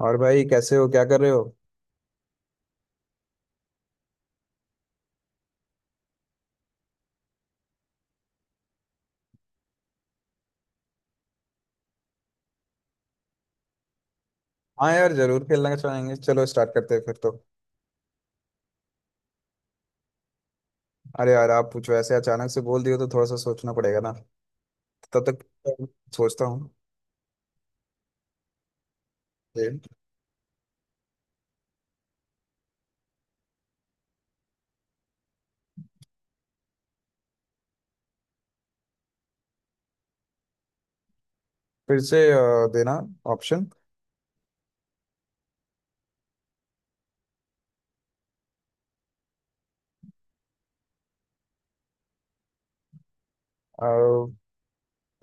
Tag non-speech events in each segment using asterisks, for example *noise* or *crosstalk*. और भाई कैसे हो? क्या कर रहे हो? हाँ यार, जरूर खेलना चाहेंगे। चलो स्टार्ट करते हैं फिर तो। अरे यार आप पूछो, ऐसे अचानक से बोल दियो तो थोड़ा सा सोचना पड़ेगा ना। तब तक तो सोचता हूँ फिर। फिर से देना ऑप्शन।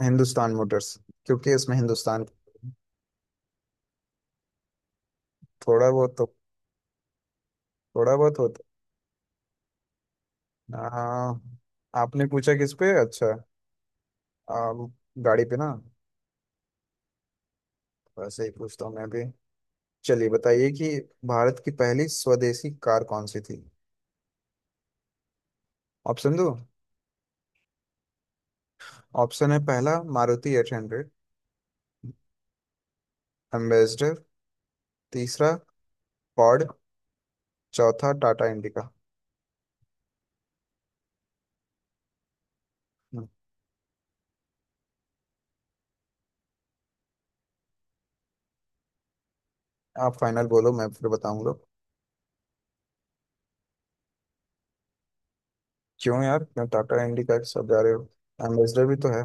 हिंदुस्तान मोटर्स। क्योंकि इसमें हिंदुस्तान। थोड़ा बहुत तो। थोड़ा बहुत होता। आपने पूछा किस पे? अच्छा, अ, गाड़ी पे ना। वैसे ही पूछता हूँ मैं भी। चलिए बताइए कि भारत की पहली स्वदेशी कार कौन सी थी? ऑप्शन दो। ऑप्शन है पहला मारुति 800, एम्बेसडर, तीसरा पॉड, चौथा टाटा इंडिका। हम्म, आप फाइनल बोलो, मैं फिर बताऊंगा। क्यों यार, क्यों टाटा इंडिका के सब जा रहे हो? एम्बेसडर भी तो है।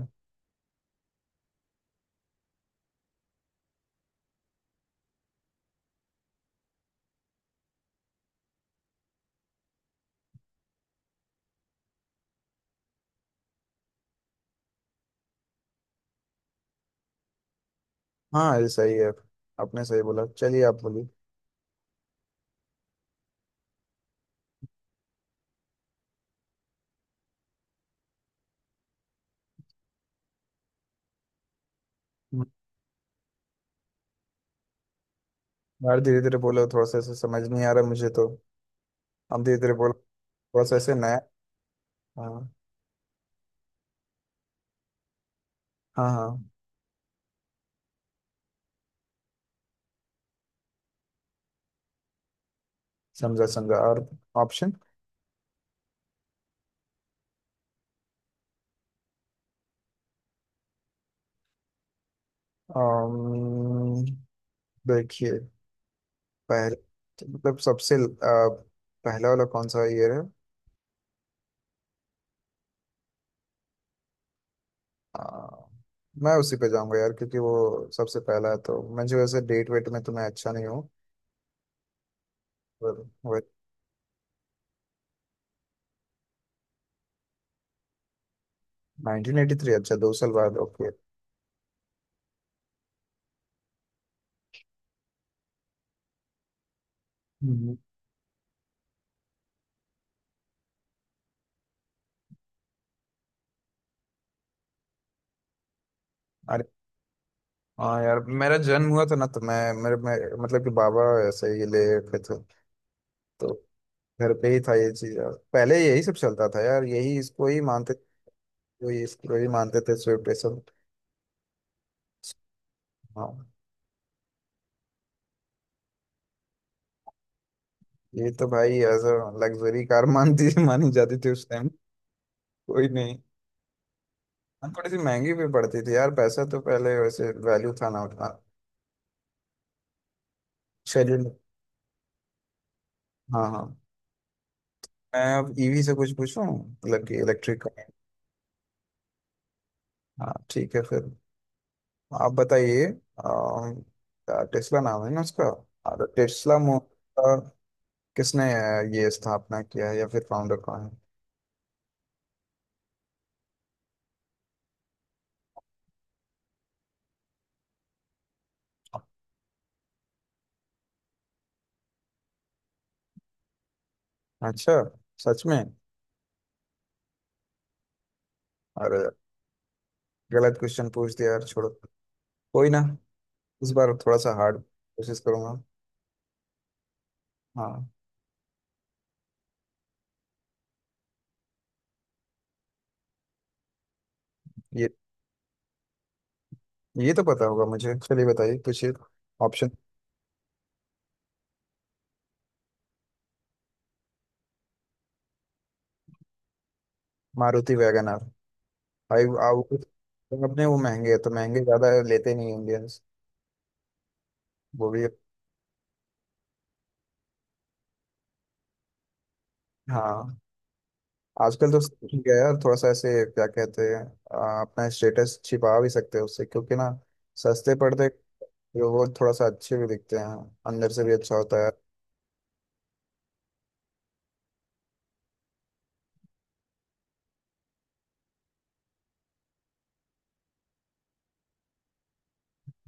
हाँ ये सही है। आपने सही बोला, चलिए आप बोलिए। हम्म, यार धीरे धीरे बोलो, थोड़ा सा ऐसे समझ नहीं आ रहा मुझे तो। आप धीरे धीरे बोलो, थोड़ा सा ऐसे नया। हाँ हाँ हाँ। समझा समझा। और ऑप्शन? अम्म, देखिए, पहल मतलब सबसे पहला वाला कौन सा ईयर है? आ, मैं उसी पे जाऊंगा यार, क्योंकि वो सबसे पहला है। तो मुझे वैसे डेट वेट में तो मैं अच्छा नहीं हूँ पर। 1983, अच्छा दो साल बाद, ओके। हम्म। अरे हाँ यार, मेरा जन्म हुआ था ना, तो मतलब कि बाबा ऐसे ही ले रखे थे तो। घर पे ही था ये चीज यार। पहले यही सब चलता था यार, यही इसको ही मानते थे। ये इसको ही मानते थे शिव पे सब। हाँ। ये तो भाई एज अ लग्जरी कार *laughs* मानती मानी जाती थी उस टाइम। कोई नहीं। हाँ, थोड़ी सी महंगी भी पड़ती थी यार। पैसा तो पहले वैसे वैल्यू था ना उतना। चलिए। हाँ हाँ। मैं अब ईवी से कुछ पूछूं, मतलब कि इलेक्ट्रिक का। हाँ ठीक है फिर। आप बताइए, टेस्ला नाम है ना उसका। और टेस्ला का किसने ये स्थापना किया है, या फिर फाउंडर कौन है? अच्छा, सच में? अरे, गलत क्वेश्चन पूछ दिया यार, छोड़ो। कोई ना, इस बार थोड़ा सा हार्ड कोशिश करूंगा। हाँ। ये ये तो पता होगा मुझे। चलिए बताइए कुछ ऑप्शन। Maruti Wagon R. भाई आओ। अपने वो महंगे है तो महंगे ज्यादा लेते नहीं इंडियंस, वो भी। हाँ आजकल तो। ठीक है यार, थोड़ा सा ऐसे क्या कहते हैं। अपना स्टेटस छिपा भी सकते हैं उससे, क्योंकि ना सस्ते पड़ते, तो वो थोड़ा सा अच्छे भी दिखते हैं, अंदर से भी अच्छा होता है।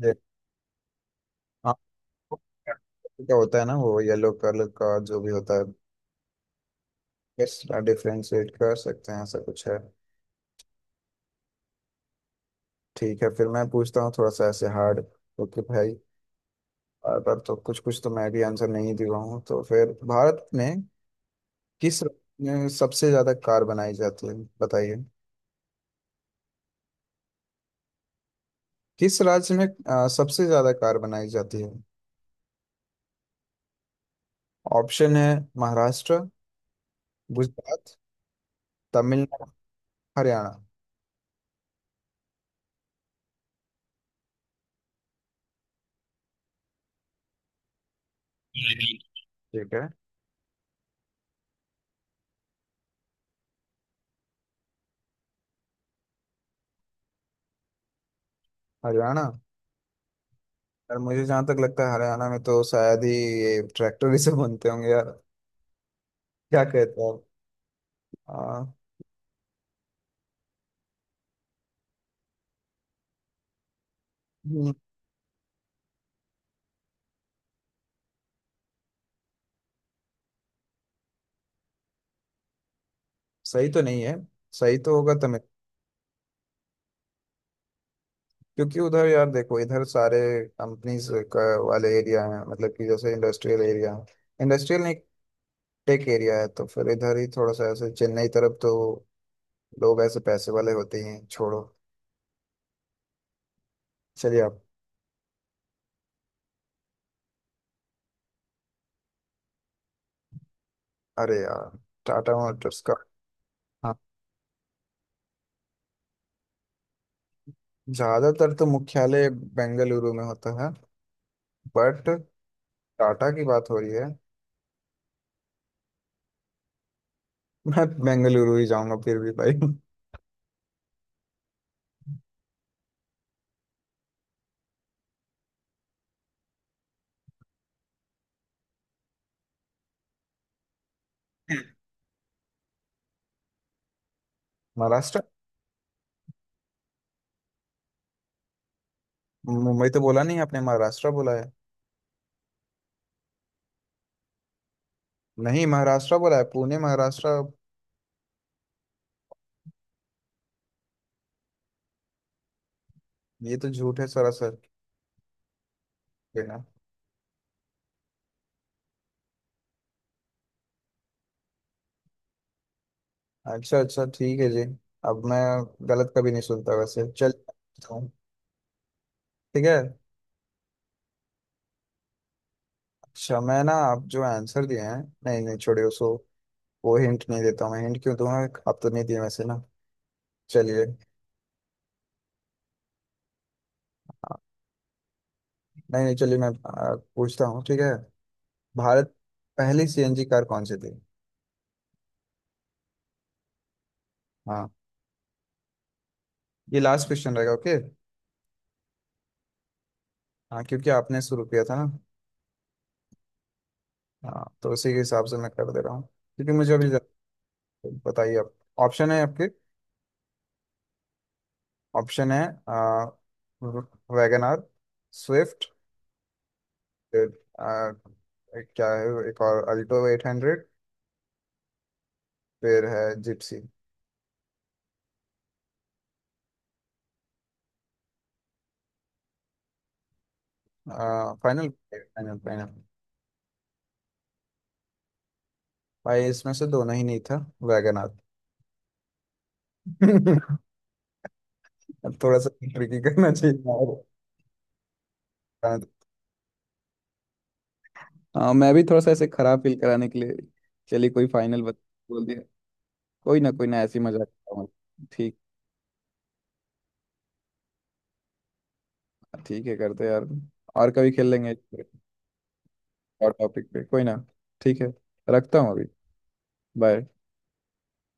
ये- हाँ, क्या होता है ना, वो येलो कलर का जो भी होता है, यस डिफ्रेंशिएट कर सकते हैं, ऐसा कुछ है। ठीक है फिर मैं पूछता हूँ थोड़ा सा ऐसे हार्ड। ओके भाई। और पर तो कुछ कुछ तो मैं भी आंसर नहीं दे रहा हूँ, तो फिर भारत में किस राज्य में सबसे ज्यादा कार बनाई जाती है, बताइए? किस राज्य में सबसे ज्यादा कार बनाई जाती है? ऑप्शन है महाराष्ट्र, गुजरात, तमिलनाडु, हरियाणा। ठीक है हरियाणा। और मुझे जहाँ तक लगता है, हरियाणा में तो शायद ही, ये ट्रैक्टर ही से बनते होंगे यार। क्या कहते हो आप? आ, सही तो नहीं है। सही तो होगा तमिल। क्योंकि उधर यार देखो, इधर सारे कंपनीज का वाले एरिया हैं, मतलब कि जैसे इंडस्ट्रियल एरिया है, इंडस्ट्रियल नहीं, टेक एरिया है। तो फिर इधर ही थोड़ा सा ऐसे चेन्नई तरफ तो लोग ऐसे पैसे वाले होते ही हैं, छोड़ो। चलिए आप। अरे यार, टाटा मोटर्स का। हाँ, ज्यादातर तो मुख्यालय बेंगलुरु में होता है, बट टाटा की बात हो रही है, मैं बेंगलुरु ही जाऊंगा फिर भी भाई। *laughs* महाराष्ट्र। मुंबई तो बोला नहीं आपने, महाराष्ट्र बोला है। नहीं, महाराष्ट्र बोला है, पुणे महाराष्ट्र। ये तो झूठ है सरासर। बिना। अच्छा अच्छा ठीक है जी। अब मैं गलत कभी नहीं सुनता वैसे। चल हूँ। ठीक है। अच्छा मैं ना, आप जो आंसर दिए हैं, नहीं नहीं छोड़िए उसको। वो हिंट नहीं देता हूँ मैं, हिंट क्यों दूंगा? आप तो नहीं दिए वैसे ना। चलिए। आ, नहीं नहीं चलिए, मैं पूछता हूँ ठीक है। भारत। पहली सीएनजी कार कौन सी थी? हाँ ये लास्ट क्वेश्चन रहेगा ओके। हाँ क्योंकि आपने शुरू किया था ना। हाँ तो उसी के हिसाब से मैं कर दे रहा हूँ, क्योंकि मुझे अभी। बताइए आप। ऑप्शन है आपके। ऑप्शन है आ, वैगन आर, स्विफ्ट, फिर आ, एक क्या है, एक और अल्टो 800, फिर है जिप्सी। Final final final? भाई इसमें से दोनों ही नहीं था, वैगन आर। *laughs* थोड़ा सा ट्रिकी करना चाहिए यार। हाँ मैं भी थोड़ा सा ऐसे खराब फील कराने के लिए। चलिए कोई फाइनल बोल दिया। कोई ना कोई ना, ऐसी मजाक करता हूँ। ठीक। ठीक है, करते हैं यार। और कभी खेल लेंगे। और टॉपिक पे कोई ना, ठीक है, रखता हूँ अभी। बाय।